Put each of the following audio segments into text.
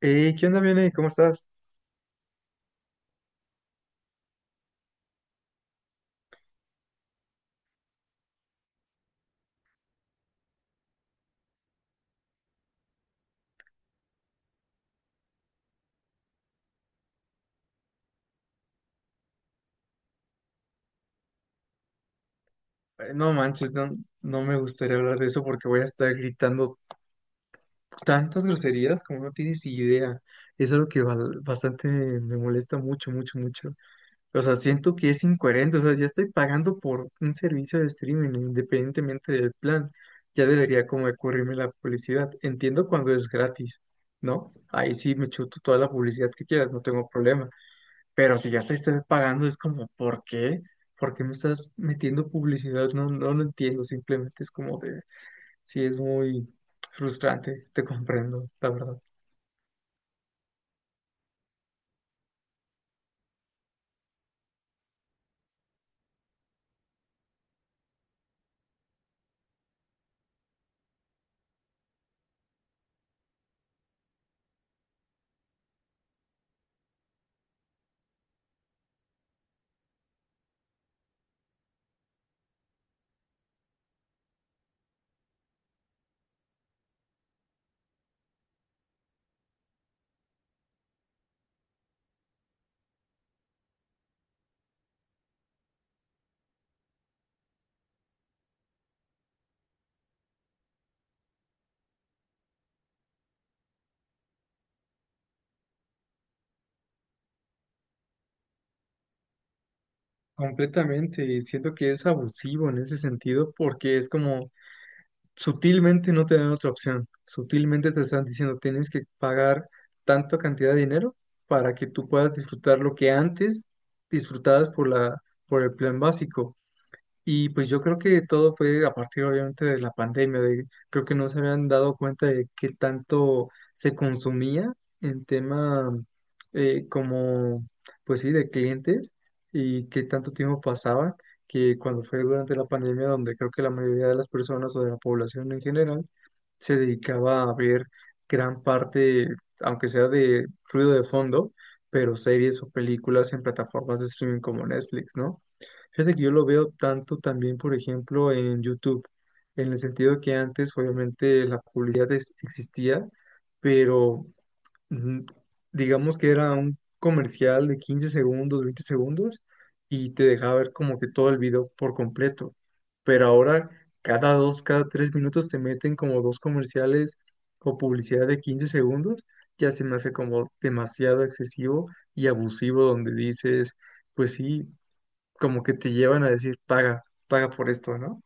Hey, ¿qué onda, Viene? ¿Cómo estás? No manches, no me gustaría hablar de eso porque voy a estar gritando tantas groserías como no tienes idea. Es algo que bastante me molesta mucho, mucho, mucho. O sea, siento que es incoherente. O sea, ya estoy pagando por un servicio de streaming independientemente del plan. Ya debería como de cubrirme la publicidad. Entiendo cuando es gratis, ¿no? Ahí sí me chuto toda la publicidad que quieras, no tengo problema. Pero si ya te estoy pagando, es como, ¿por qué? ¿Por qué me estás metiendo publicidad? No, no lo entiendo, simplemente es como de, sí, es muy frustrante, te comprendo, la verdad. Completamente, y siento que es abusivo en ese sentido porque es como sutilmente no te dan otra opción, sutilmente te están diciendo tienes que pagar tanta cantidad de dinero para que tú puedas disfrutar lo que antes disfrutabas por la, por el plan básico. Y pues yo creo que todo fue a partir obviamente de la pandemia, de, creo que no se habían dado cuenta de qué tanto se consumía en tema como, pues sí, de clientes y qué tanto tiempo pasaba, que cuando fue durante la pandemia donde creo que la mayoría de las personas o de la población en general se dedicaba a ver gran parte, aunque sea de ruido de fondo, pero series o películas en plataformas de streaming como Netflix, ¿no? Fíjate que yo lo veo tanto también, por ejemplo, en YouTube, en el sentido que antes obviamente la publicidad existía, pero mm, digamos que era un comercial de 15 segundos, 20 segundos, y te dejaba ver como que todo el video por completo. Pero ahora cada dos, cada 3 minutos te meten como dos comerciales o publicidad de 15 segundos, ya se me hace como demasiado excesivo y abusivo donde dices... Pues sí, como que te llevan a decir, paga, paga por esto, ¿no?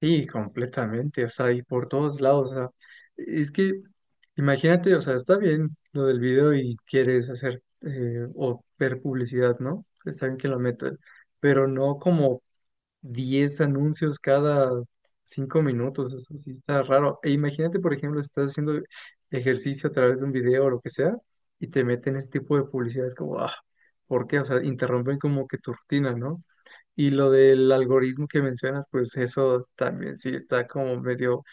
Sí, completamente, o sea, y por todos lados, o sea, es que imagínate, o sea, está bien lo del video y quieres hacer o ver publicidad, ¿no? Está bien que lo metas, pero no como 10 anuncios cada 5 minutos, eso sí está raro. E imagínate, por ejemplo, si estás haciendo ejercicio a través de un video o lo que sea, y te meten ese tipo de publicidad, es como, ah, ¿por qué? O sea, interrumpen como que tu rutina, ¿no? Y lo del algoritmo que mencionas, pues eso también sí está como medio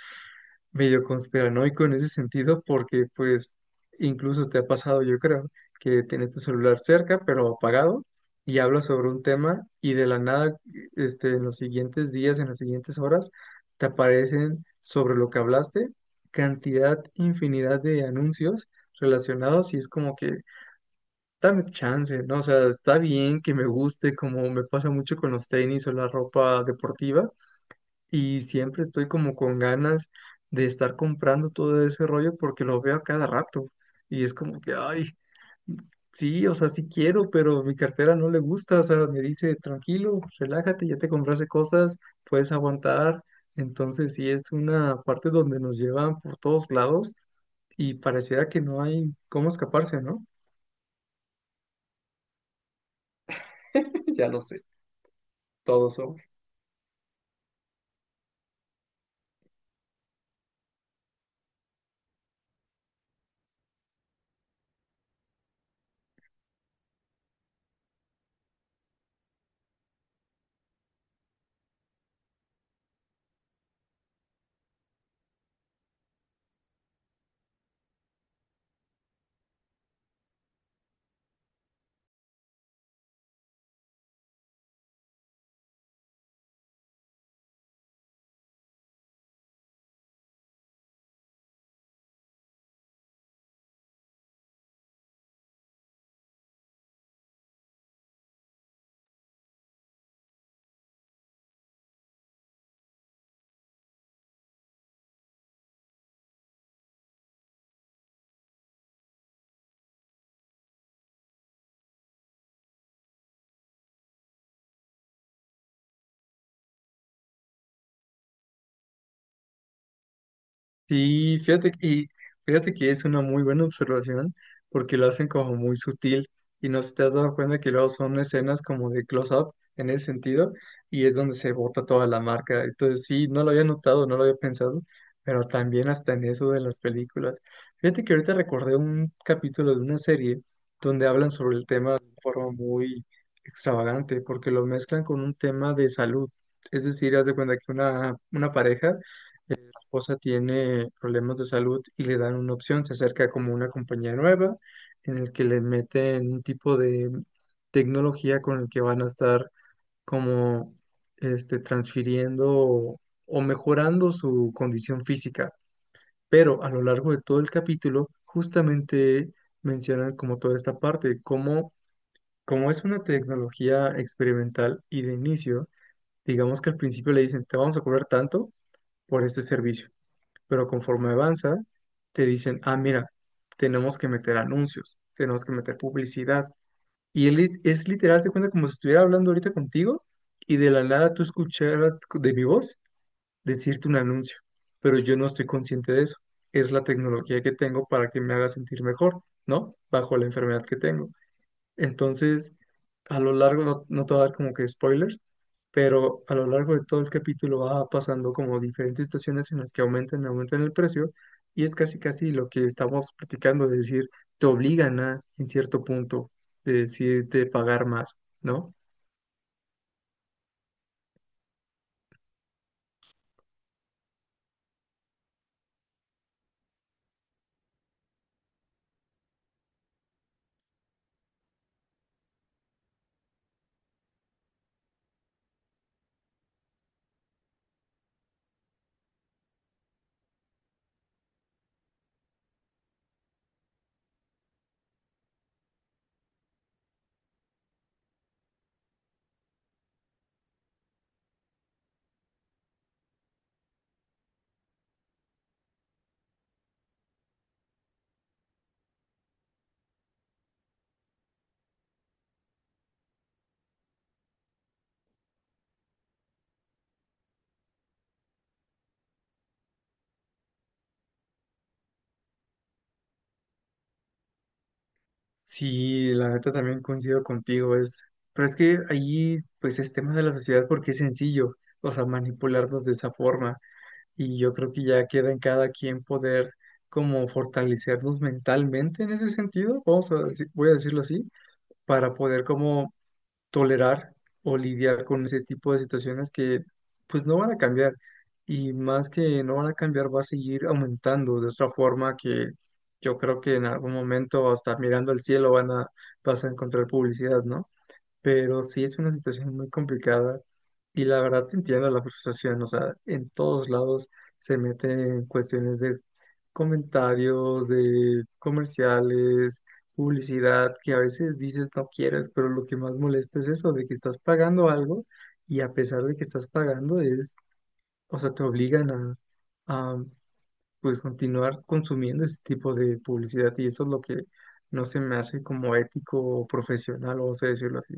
medio conspiranoico en ese sentido porque pues incluso te ha pasado, yo creo, que tienes tu celular cerca pero apagado y hablas sobre un tema y de la nada en los siguientes días, en las siguientes horas, te aparecen sobre lo que hablaste cantidad, infinidad de anuncios relacionados y es como que dame chance, ¿no? O sea, está bien que me guste como me pasa mucho con los tenis o la ropa deportiva y siempre estoy como con ganas de estar comprando todo ese rollo porque lo veo a cada rato y es como que, ay, sí, o sea, sí quiero, pero mi cartera no le gusta, o sea, me dice, tranquilo, relájate, ya te compraste cosas, puedes aguantar, entonces sí es una parte donde nos llevan por todos lados y pareciera que no hay cómo escaparse, ¿no? Ya lo sé, todos somos. Sí, fíjate, y fíjate que es una muy buena observación porque lo hacen como muy sutil y no sé si te has dado cuenta que luego son escenas como de close-up en ese sentido y es donde se bota toda la marca. Entonces sí, no lo había notado, no lo había pensado, pero también hasta en eso de las películas. Fíjate que ahorita recordé un capítulo de una serie donde hablan sobre el tema de forma muy extravagante porque lo mezclan con un tema de salud. Es decir, haz de cuenta que una pareja, la esposa tiene problemas de salud y le dan una opción, se acerca como una compañía nueva en el que le meten un tipo de tecnología con el que van a estar como transfiriendo o mejorando su condición física. Pero a lo largo de todo el capítulo, justamente mencionan como toda esta parte, como es una tecnología experimental y de inicio, digamos que al principio le dicen, te vamos a cobrar tanto por este servicio, pero conforme avanza, te dicen, ah, mira, tenemos que meter anuncios, tenemos que meter publicidad. Y él es literal, se cuenta como si estuviera hablando ahorita contigo y de la nada tú escucharas de mi voz decirte un anuncio, pero yo no estoy consciente de eso. Es la tecnología que tengo para que me haga sentir mejor, ¿no? Bajo la enfermedad que tengo. Entonces, a lo largo, no te voy a dar como que spoilers, pero a lo largo de todo el capítulo va pasando como diferentes estaciones en las que aumentan, aumentan el precio, y es casi casi lo que estamos platicando, de decir, te obligan a, en cierto punto, de decirte pagar más, ¿no? Sí, la neta también coincido contigo, es, pero es que ahí, pues es tema de la sociedad porque es sencillo, o sea, manipularnos de esa forma. Y yo creo que ya queda en cada quien poder como fortalecernos mentalmente en ese sentido, vamos a voy a decirlo así, para poder como tolerar o lidiar con ese tipo de situaciones que pues no van a cambiar, y más que no van a cambiar, va a seguir aumentando de otra forma que yo creo que en algún momento hasta mirando el cielo van a, vas a encontrar publicidad, ¿no? Pero sí es una situación muy complicada y la verdad te entiendo la frustración, o sea, en todos lados se meten cuestiones de comentarios, de comerciales, publicidad, que a veces dices no quieres, pero lo que más molesta es eso, de que estás pagando algo y a pesar de que estás pagando es, o sea, te obligan a, a pues continuar consumiendo ese tipo de publicidad y eso es lo que no se me hace como ético o profesional, vamos a decirlo así.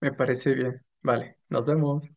Me parece bien. Vale, nos vemos.